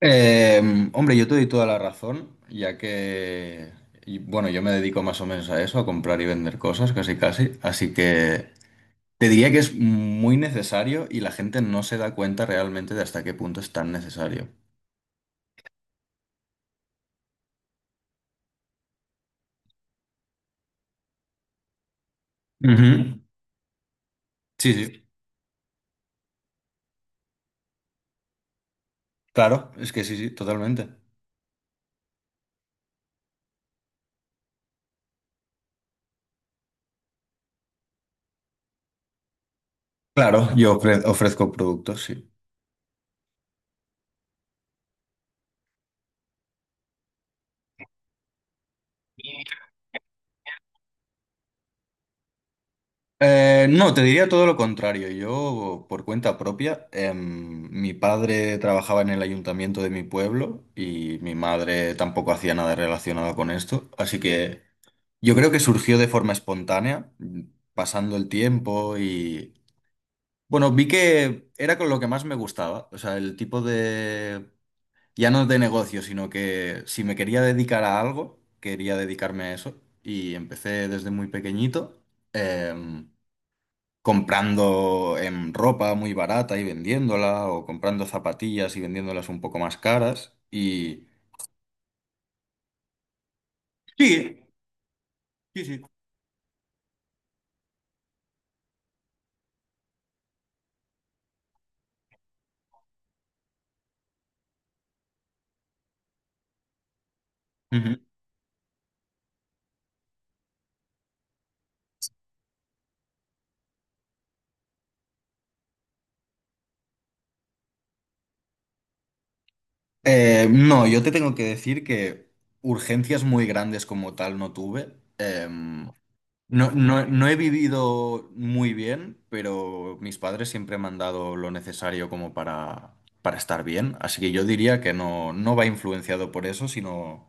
Eh, Hombre, yo te doy toda la razón, y, bueno, yo me dedico más o menos a eso, a comprar y vender cosas, casi casi, así que te diría que es muy necesario y la gente no se da cuenta realmente de hasta qué punto es tan necesario. Ujú. Sí, sí, claro, es que sí, sí, totalmente. Claro, yo ofrezco productos, sí. No, te diría todo lo contrario. Yo, por cuenta propia, mi padre trabajaba en el ayuntamiento de mi pueblo y mi madre tampoco hacía nada relacionado con esto. Así que yo creo que surgió de forma espontánea, pasando el tiempo y, bueno, vi que era con lo que más me gustaba. O sea, ya no de negocio, sino que si me quería dedicar a algo, quería dedicarme a eso. Y empecé desde muy pequeñito. em, Comprando ropa muy barata y vendiéndola, o comprando zapatillas y vendiéndolas un poco más caras. Sí, sí, sí. Ujú. No, yo te tengo que decir que urgencias muy grandes como tal no tuve. No, no, no he vivido muy bien, pero mis padres siempre me han dado lo necesario como para estar bien. Así que yo diría que no, no va influenciado por eso, sino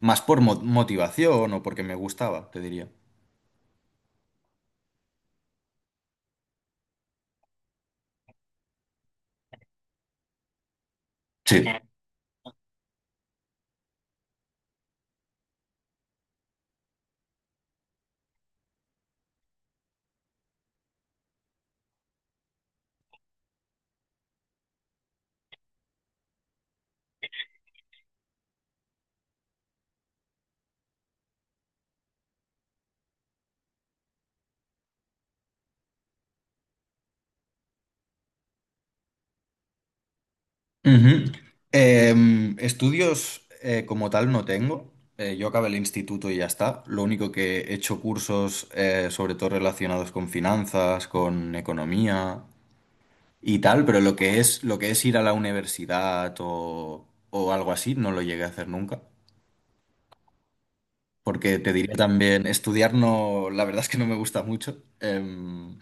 más por motivación o porque me gustaba, te diría. Sí. Ujú. Estudios como tal no tengo. Yo acabé el instituto y ya está. Lo único que he hecho cursos sobre todo relacionados con finanzas, con economía y tal, pero lo que es ir a la universidad o algo así no lo llegué a hacer nunca. Porque te diría también, estudiar no, la verdad es que no me gusta mucho.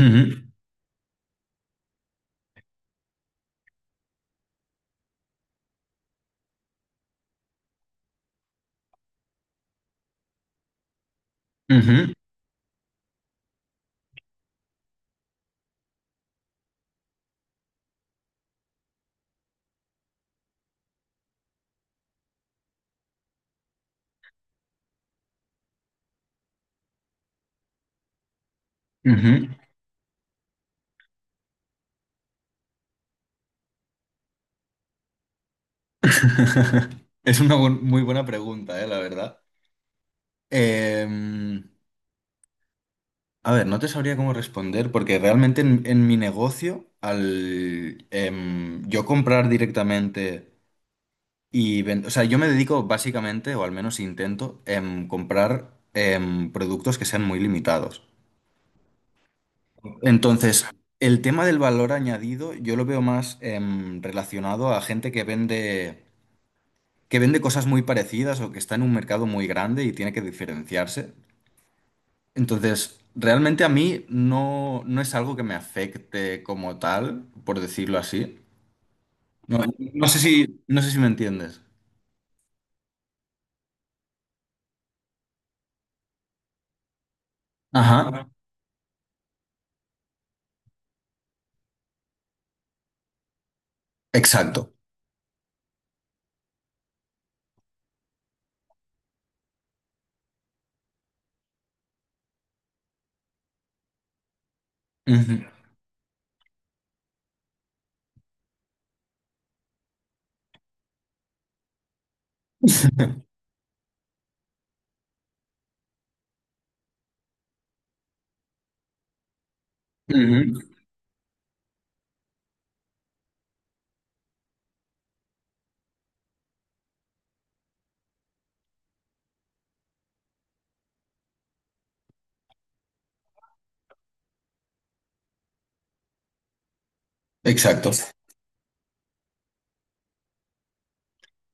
Ujú, ujú, ujú. Es una muy buena pregunta, la verdad. Em, A ver, no te sabría cómo responder porque realmente en mi negocio, al yo comprar directamente y vender, o sea, yo me dedico básicamente, o al menos intento, comprar productos que sean muy limitados. Entonces, el tema del valor añadido yo lo veo más relacionado a gente que vende cosas muy parecidas o que está en un mercado muy grande y tiene que diferenciarse. Entonces, realmente a mí no, no es algo que me afecte como tal, por decirlo así. No, no sé si me entiendes. Ajá, exacto. Ujú. Ujú, exacto.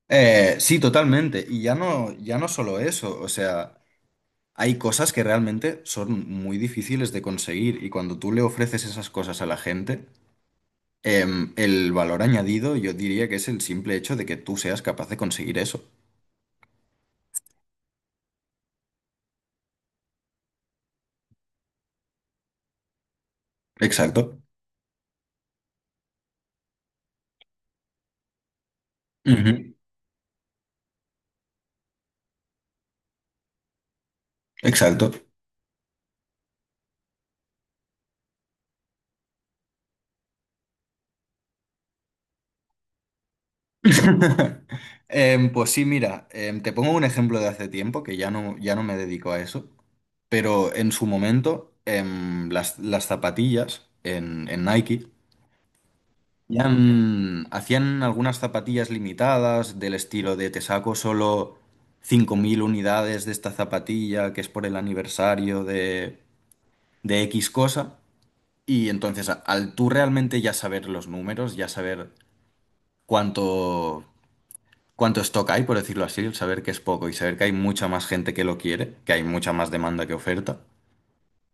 Sí, totalmente. Y ya no solo eso, o sea, hay cosas que realmente son muy difíciles de conseguir y cuando tú le ofreces esas cosas a la gente, el valor añadido yo diría que es el simple hecho de que tú seas capaz de conseguir eso. Exacto. Ujú. Exacto. Pues sí, mira, te pongo un ejemplo de hace tiempo, que ya no, ya no me dedico a eso, pero en su momento las zapatillas en Nike hacían algunas zapatillas limitadas del estilo de te saco solo 5.000 unidades de esta zapatilla que es por el aniversario de X cosa. Y entonces, al tú realmente ya saber los números, ya saber cuánto, cuánto stock hay, por decirlo así, el saber que es poco y saber que hay mucha más gente que lo quiere, que hay mucha más demanda que oferta,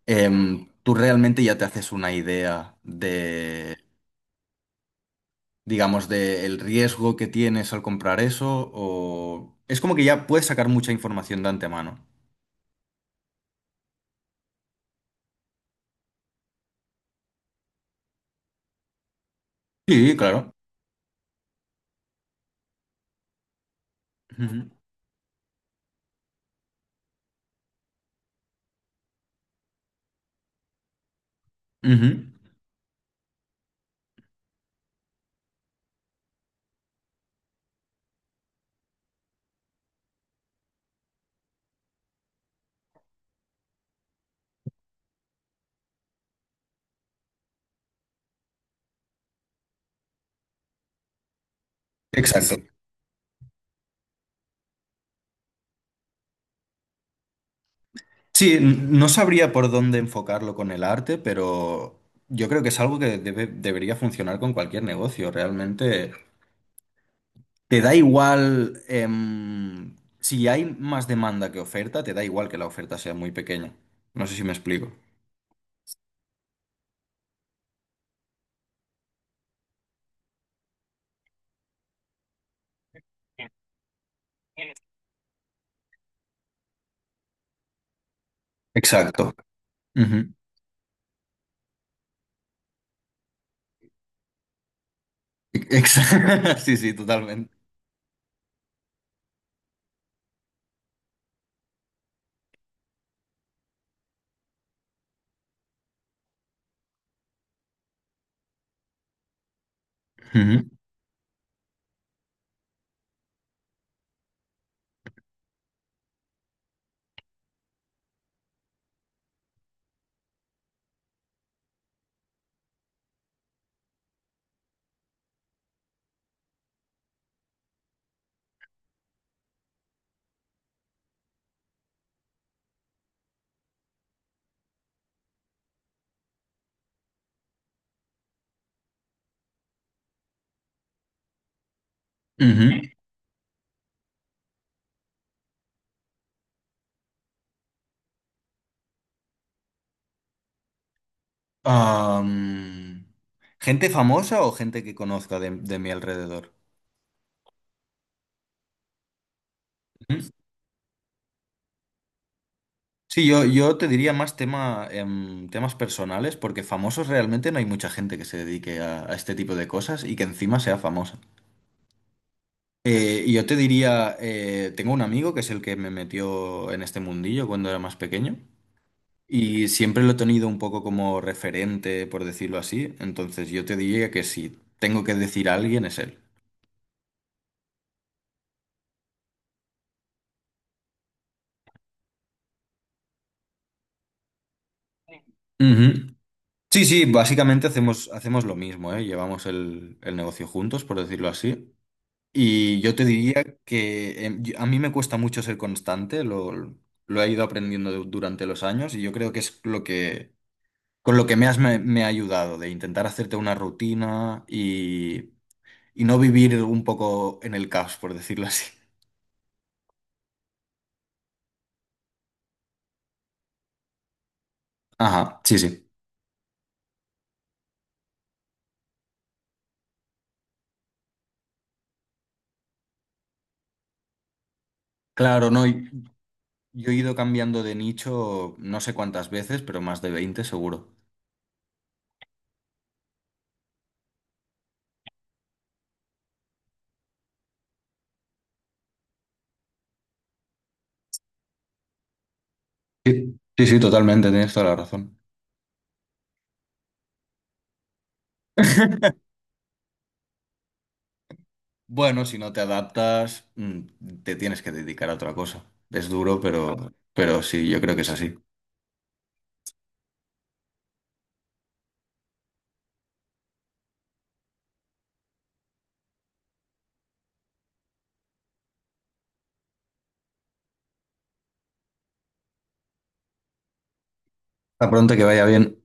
tú realmente ya te haces una idea de, digamos, del riesgo que tienes al comprar eso o... Es como que ya puedes sacar mucha información de antemano. Sí, claro. Ujú. Ujú. Exacto. Sí, no sabría por dónde enfocarlo con el arte, pero yo creo que es algo que debería funcionar con cualquier negocio. Realmente, ¿te da igual si hay más demanda que oferta, te da igual que la oferta sea muy pequeña? No sé si me explico. Exacto. Ujú. Ex- Sí, sí, totalmente. Ujú, ujú. Am, ¿Gente famosa o gente que conozca de mi alrededor? Ujú. Sí, yo te diría más temas personales, porque famosos realmente no hay mucha gente que se dedique a este tipo de cosas y que encima sea famosa. Y yo te diría, tengo un amigo que es el que me metió en este mundillo cuando era más pequeño y siempre lo he tenido un poco como referente, por decirlo así. Entonces yo te diría que si tengo que decir a alguien es él. Ujú. Sí, sí, básicamente hacemos lo mismo, ¿eh? Llevamos el negocio juntos, por decirlo así. Y yo te diría que a mí me cuesta mucho ser constante, lo he ido aprendiendo durante los años y yo creo que es lo que con lo que me ha ayudado, de intentar hacerte una rutina y no vivir un poco en el caos, por decirlo así. Ajá, sí, sí. Claro, no, yo he ido cambiando de nicho no sé cuántas veces, pero más de 20 seguro. Sí, sí, sí, totalmente, tienes toda la razón. Bueno, si no te adaptas, te tienes que dedicar a otra cosa. Es duro, pero, sí, yo creo que es así. Hasta pronto, que vaya bien.